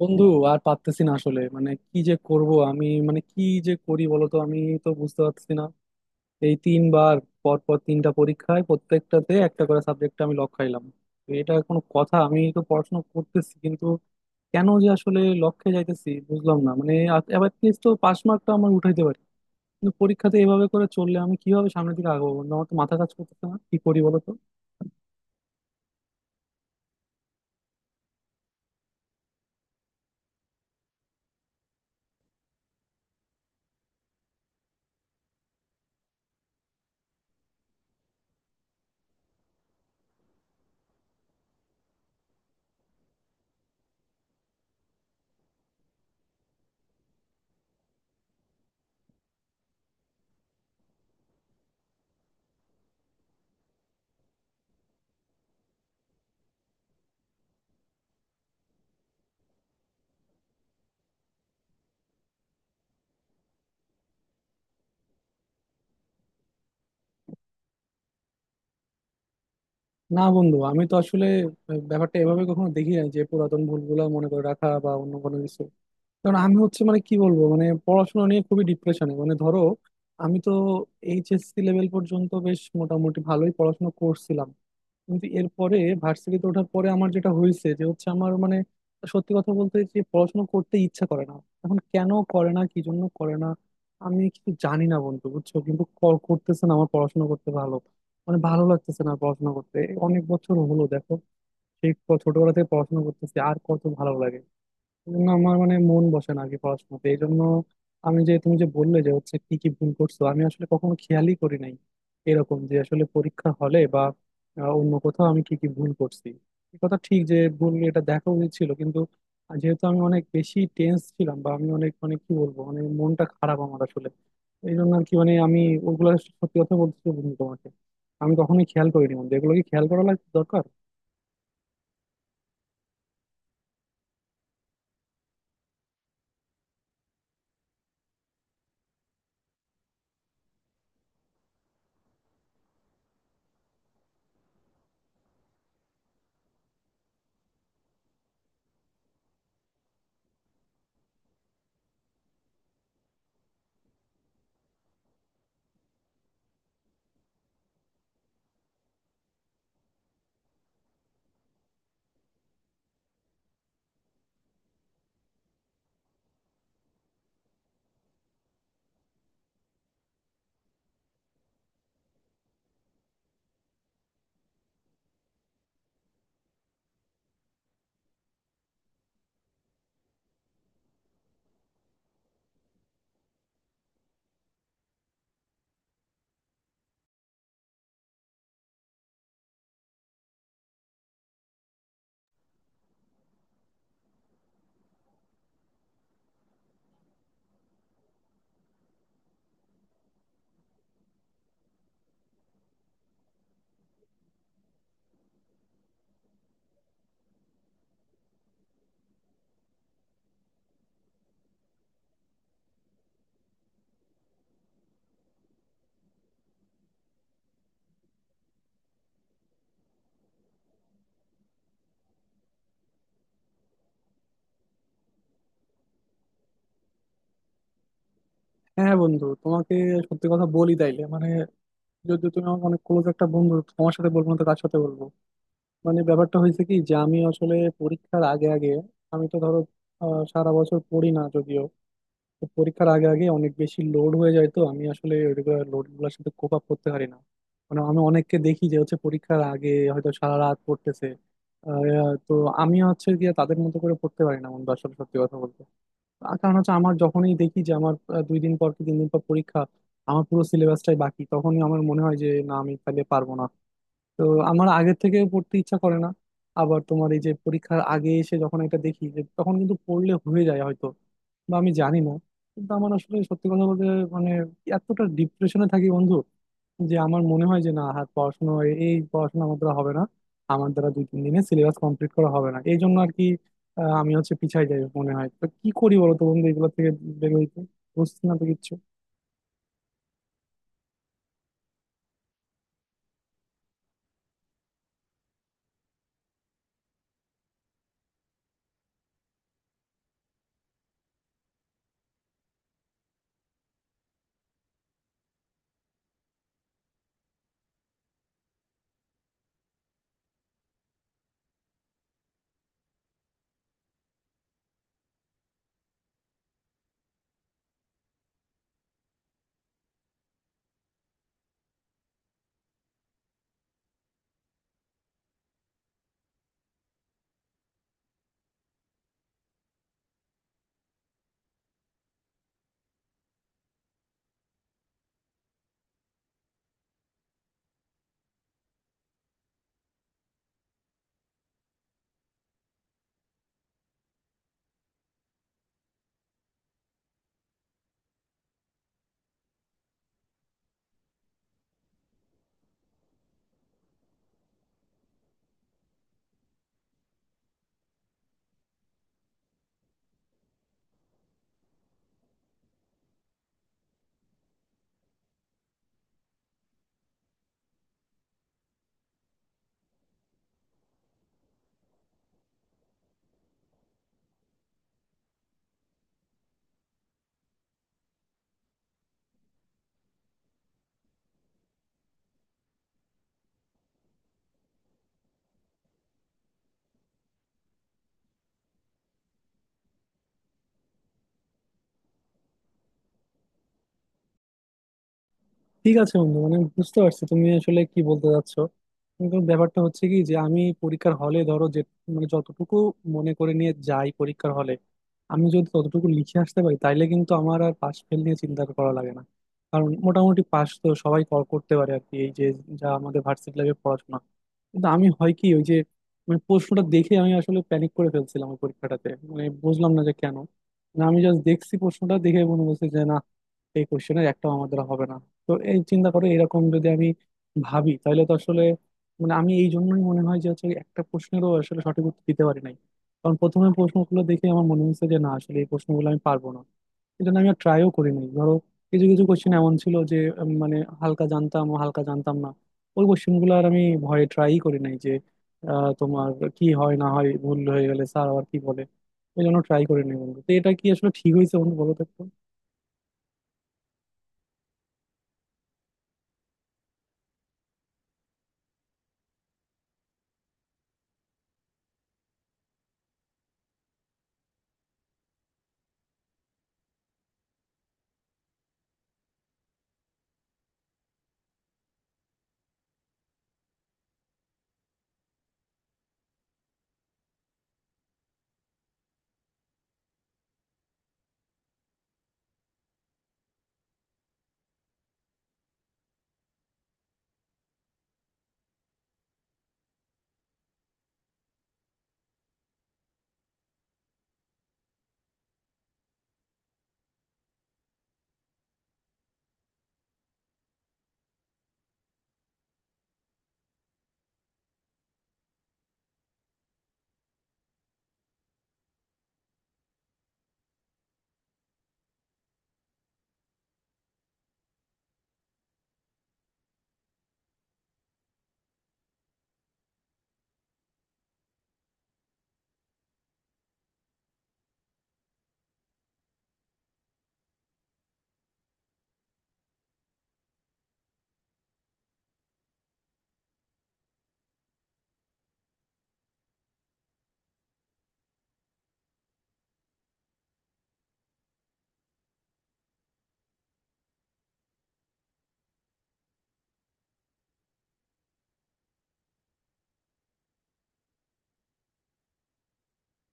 বন্ধু, আর পারতেছি না আসলে, মানে কি যে করব আমি, মানে কি যে করি বলতো, আমি তো বুঝতে পারছি না। এই 3 বার পর পর 3টা পরীক্ষায় প্রত্যেকটাতে একটা করে সাবজেক্টে আমি লক খাইলাম। তো এটা কোনো কথা? আমি তো পড়াশোনা করতেছি কিন্তু কেন যে আসলে লক্ষ্যে যাইতেছি বুঝলাম না মানে। এবার লিস্ট তো পাস মার্কটা আমার উঠাইতে পারি, কিন্তু পরীক্ষাতে এভাবে করে চললে আমি কিভাবে সামনের দিকে আগাবো বন্ধু? আমার তো মাথা কাজ করতেছে না, কি করি বলো তো। না বন্ধু, আমি তো আসলে ব্যাপারটা এভাবে কখনো দেখি না যে পুরাতন ভুলগুলা মনে করে রাখা বা অন্য কোনো কিছু। কারণ আমি হচ্ছে মানে কি বলবো, মানে পড়াশোনা নিয়ে খুবই ডিপ্রেশনে, মানে ধরো আমি তো এইচএসসি লেভেল পর্যন্ত বেশ মোটামুটি ভালোই পড়াশোনা করছিলাম, কিন্তু এরপরে ভার্সিটিতে ওঠার পরে আমার যেটা হয়েছে যে হচ্ছে আমার মানে সত্যি কথা বলতে যে পড়াশোনা করতে ইচ্ছা করে না। এখন কেন করে না, কি জন্য করে না, আমি কিছু জানি না বন্ধু বুঝছো, কিন্তু করতেছে না, আমার পড়াশোনা করতে ভালো মানে ভালো লাগতেছে না পড়াশোনা করতে। অনেক বছর হলো দেখো, সেই ছোটবেলা থেকে পড়াশোনা করতেছি, আর কত ভালো লাগে? না, আমার মানে মন বসে না আগে পড়াশোনাতে। এই জন্য আমি যে, তুমি যে বললে যে হচ্ছে কি কি ভুল করছো, আমি আসলে কখনো খেয়ালই করি নাই এরকম যে আসলে পরীক্ষা হলে বা অন্য কোথাও আমি কি কি ভুল করছি। এ কথা ঠিক যে ভুল এটা দেখা উচিত ছিল, কিন্তু যেহেতু আমি অনেক বেশি টেন্স ছিলাম বা আমি অনেক মানে কি বলবো, মানে মনটা খারাপ আমার আসলে, এই জন্য আর কি মানে আমি ওগুলো, সত্যি কথা বলতেছি বন্ধু তোমাকে, আমি কখনোই খেয়াল করিনি বন্ধু। এগুলো কি খেয়াল করা দরকার? হ্যাঁ বন্ধু, তোমাকে সত্যি কথা বলি তাইলে মানে, যদি তুমি আমার অনেক ক্লোজ একটা বন্ধু, তোমার সাথে বলবো না তো কার সাথে বলবো। মানে ব্যাপারটা হয়েছে কি যে আমি আসলে পরীক্ষার আগে আগে আমি তো ধরো সারা বছর পড়ি না যদিও, তো পরীক্ষার আগে আগে অনেক বেশি লোড হয়ে যায়, তো আমি আসলে রেগুলার লোড গুলোর সাথে কোপ আপ করতে পারি না। মানে আমি অনেককে দেখি যে হচ্ছে পরীক্ষার আগে হয়তো সারা রাত পড়তেছে। তো আমি হচ্ছে গিয়ে তাদের মতো করে পড়তে পারি না বন্ধু আসলে সত্যি কথা বলতে। আর কারণ হচ্ছে আমার যখনই দেখি যে আমার 2 দিন পর কি 3 দিন পর পরীক্ষা, আমার পুরো সিলেবাসটাই বাকি, তখনই আমার মনে হয় যে না আমি তাহলে পারবো না। তো আমার আগের থেকে পড়তে ইচ্ছা করে না। আবার তোমার এই যে পরীক্ষার আগে এসে যখন এটা দেখি, যে তখন কিন্তু পড়লে হয়ে যায় হয়তো, বা আমি জানি না, কিন্তু আমার আসলে সত্যি কথা বলতে মানে এতটা ডিপ্রেশনে থাকি বন্ধু, যে আমার মনে হয় যে না আর পড়াশোনা এই এই পড়াশোনা আমার দ্বারা হবে না, আমার দ্বারা 2-3 দিনে সিলেবাস কমপ্লিট করা হবে না, এই জন্য আর কি আমি হচ্ছে পিছাই যাই মনে হয়। তো কি করি বলো তো বন্ধু, এগুলো থেকে বের হইতে বুঝছি না তো কিচ্ছু। ঠিক আছে বন্ধু, মানে বুঝতে পারছি তুমি আসলে কি বলতে চাচ্ছ, কিন্তু ব্যাপারটা হচ্ছে কি যে আমি পরীক্ষার হলে ধরো যে, মানে যতটুকু মনে করে নিয়ে যাই পরীক্ষার হলে, আমি যদি ততটুকু লিখে আসতে পারি তাইলে কিন্তু আমার আর পাশ ফেল নিয়ে চিন্তা করা লাগে না। কারণ মোটামুটি পাশ তো সবাই করতে পারে আর কি এই যে যা আমাদের ভার্সিটি লাইফে পড়াশোনা। কিন্তু আমি হয় কি ওই যে মানে প্রশ্নটা দেখে আমি আসলে প্যানিক করে ফেলছিলাম ওই পরীক্ষাটাতে, মানে বুঝলাম না যে কেন। মানে আমি জাস্ট দেখছি প্রশ্নটা দেখে মনে হচ্ছে যে না, এই কোশ্চেনের একটাও আমার দ্বারা হবে না। তো এই চিন্তা করে এরকম যদি আমি ভাবি, তাহলে তো আসলে মানে আমি এই জন্যই মনে হয় যে হচ্ছে একটা প্রশ্নেরও আসলে সঠিক উত্তর দিতে পারি নাই। কারণ প্রথমে প্রশ্নগুলো দেখে আমার মনে হচ্ছে যে না আসলে এই প্রশ্নগুলো আমি পারবো না, এই জন্য আমি আর ট্রাইও করি নাই। ধরো কিছু কিছু কোশ্চেন এমন ছিল যে মানে হালকা জানতাম ও হালকা জানতাম না, ওই কোশ্চেনগুলো আর আমি ভয়ে ট্রাই করি নাই যে তোমার কি হয় না হয়, ভুল হয়ে গেলে স্যার আবার কি বলে। এই জন্য ট্রাই করি নাই বন্ধু। তো এটা কি আসলে ঠিক হয়েছে বন্ধু, বলো তো একটু?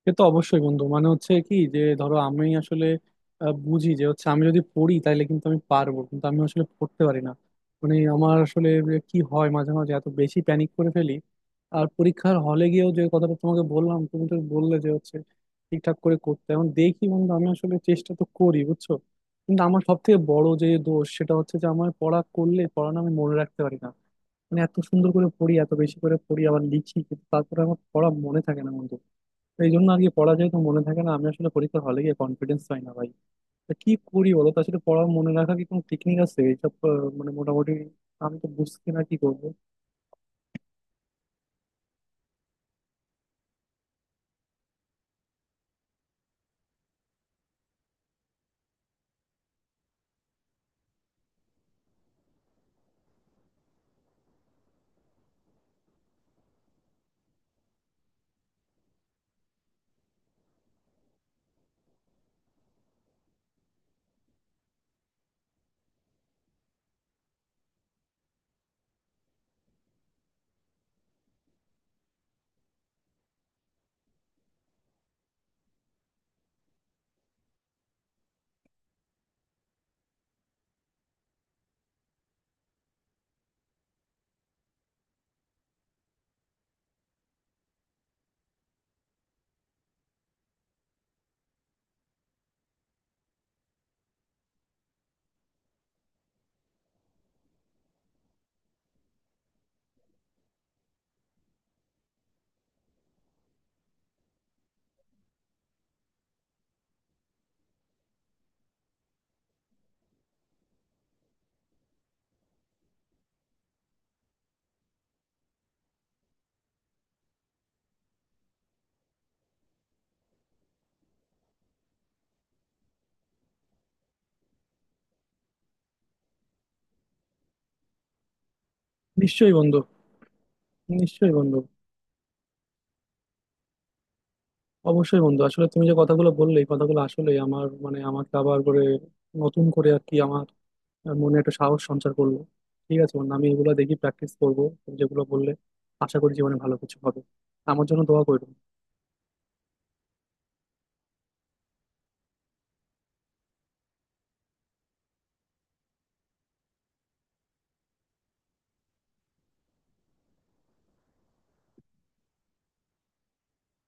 সে তো অবশ্যই বন্ধু, মানে হচ্ছে কি যে ধরো আমি আসলে বুঝি যে হচ্ছে আমি যদি পড়ি তাহলে কিন্তু আমি পারবো, কিন্তু আমি আসলে পড়তে পারি না। মানে আমার আসলে যে কি হয়, মাঝে মাঝে এত বেশি প্যানিক করে ফেলি। আর পরীক্ষার হলে গিয়েও যে কথাটা তোমাকে বললাম, তুমি তো বললে যে হচ্ছে ঠিকঠাক করে করতে, এখন দেখি বন্ধু আমি আসলে চেষ্টা তো করি বুঝছো। কিন্তু আমার সব থেকে বড় যে দোষ সেটা হচ্ছে যে আমার পড়া করলে পড়ানো আমি মনে রাখতে পারি না। মানে এত সুন্দর করে পড়ি, এত বেশি করে পড়ি, আবার লিখি, কিন্তু তারপরে আমার পড়া মনে থাকে না বন্ধু। এই জন্য আর কি, পড়া যেহেতু মনে থাকে না আমি আসলে পরীক্ষার হলে গিয়ে কনফিডেন্স পাই না ভাই। তা কি করি বলো তো আসলে, পড়া মনে রাখা কি কোনো টেকনিক আছে এইসব? মানে মোটামুটি আমি তো বুঝছি না কি করবো। নিশ্চয়ই বন্ধু। নিশ্চয়ই বন্ধু। অবশ্যই বন্ধু, আসলে তুমি যে কথাগুলো বললে এই কথাগুলো আসলে আমার মানে আমাকে আবার করে, নতুন করে আর কি আমার মনে একটা সাহস সঞ্চার করলো। ঠিক আছে বন্ধু, আমি এগুলো দেখি প্র্যাকটিস করবো তুমি যেগুলো বললে। আশা করি জীবনে ভালো কিছু হবে। আমার জন্য দোয়া করো।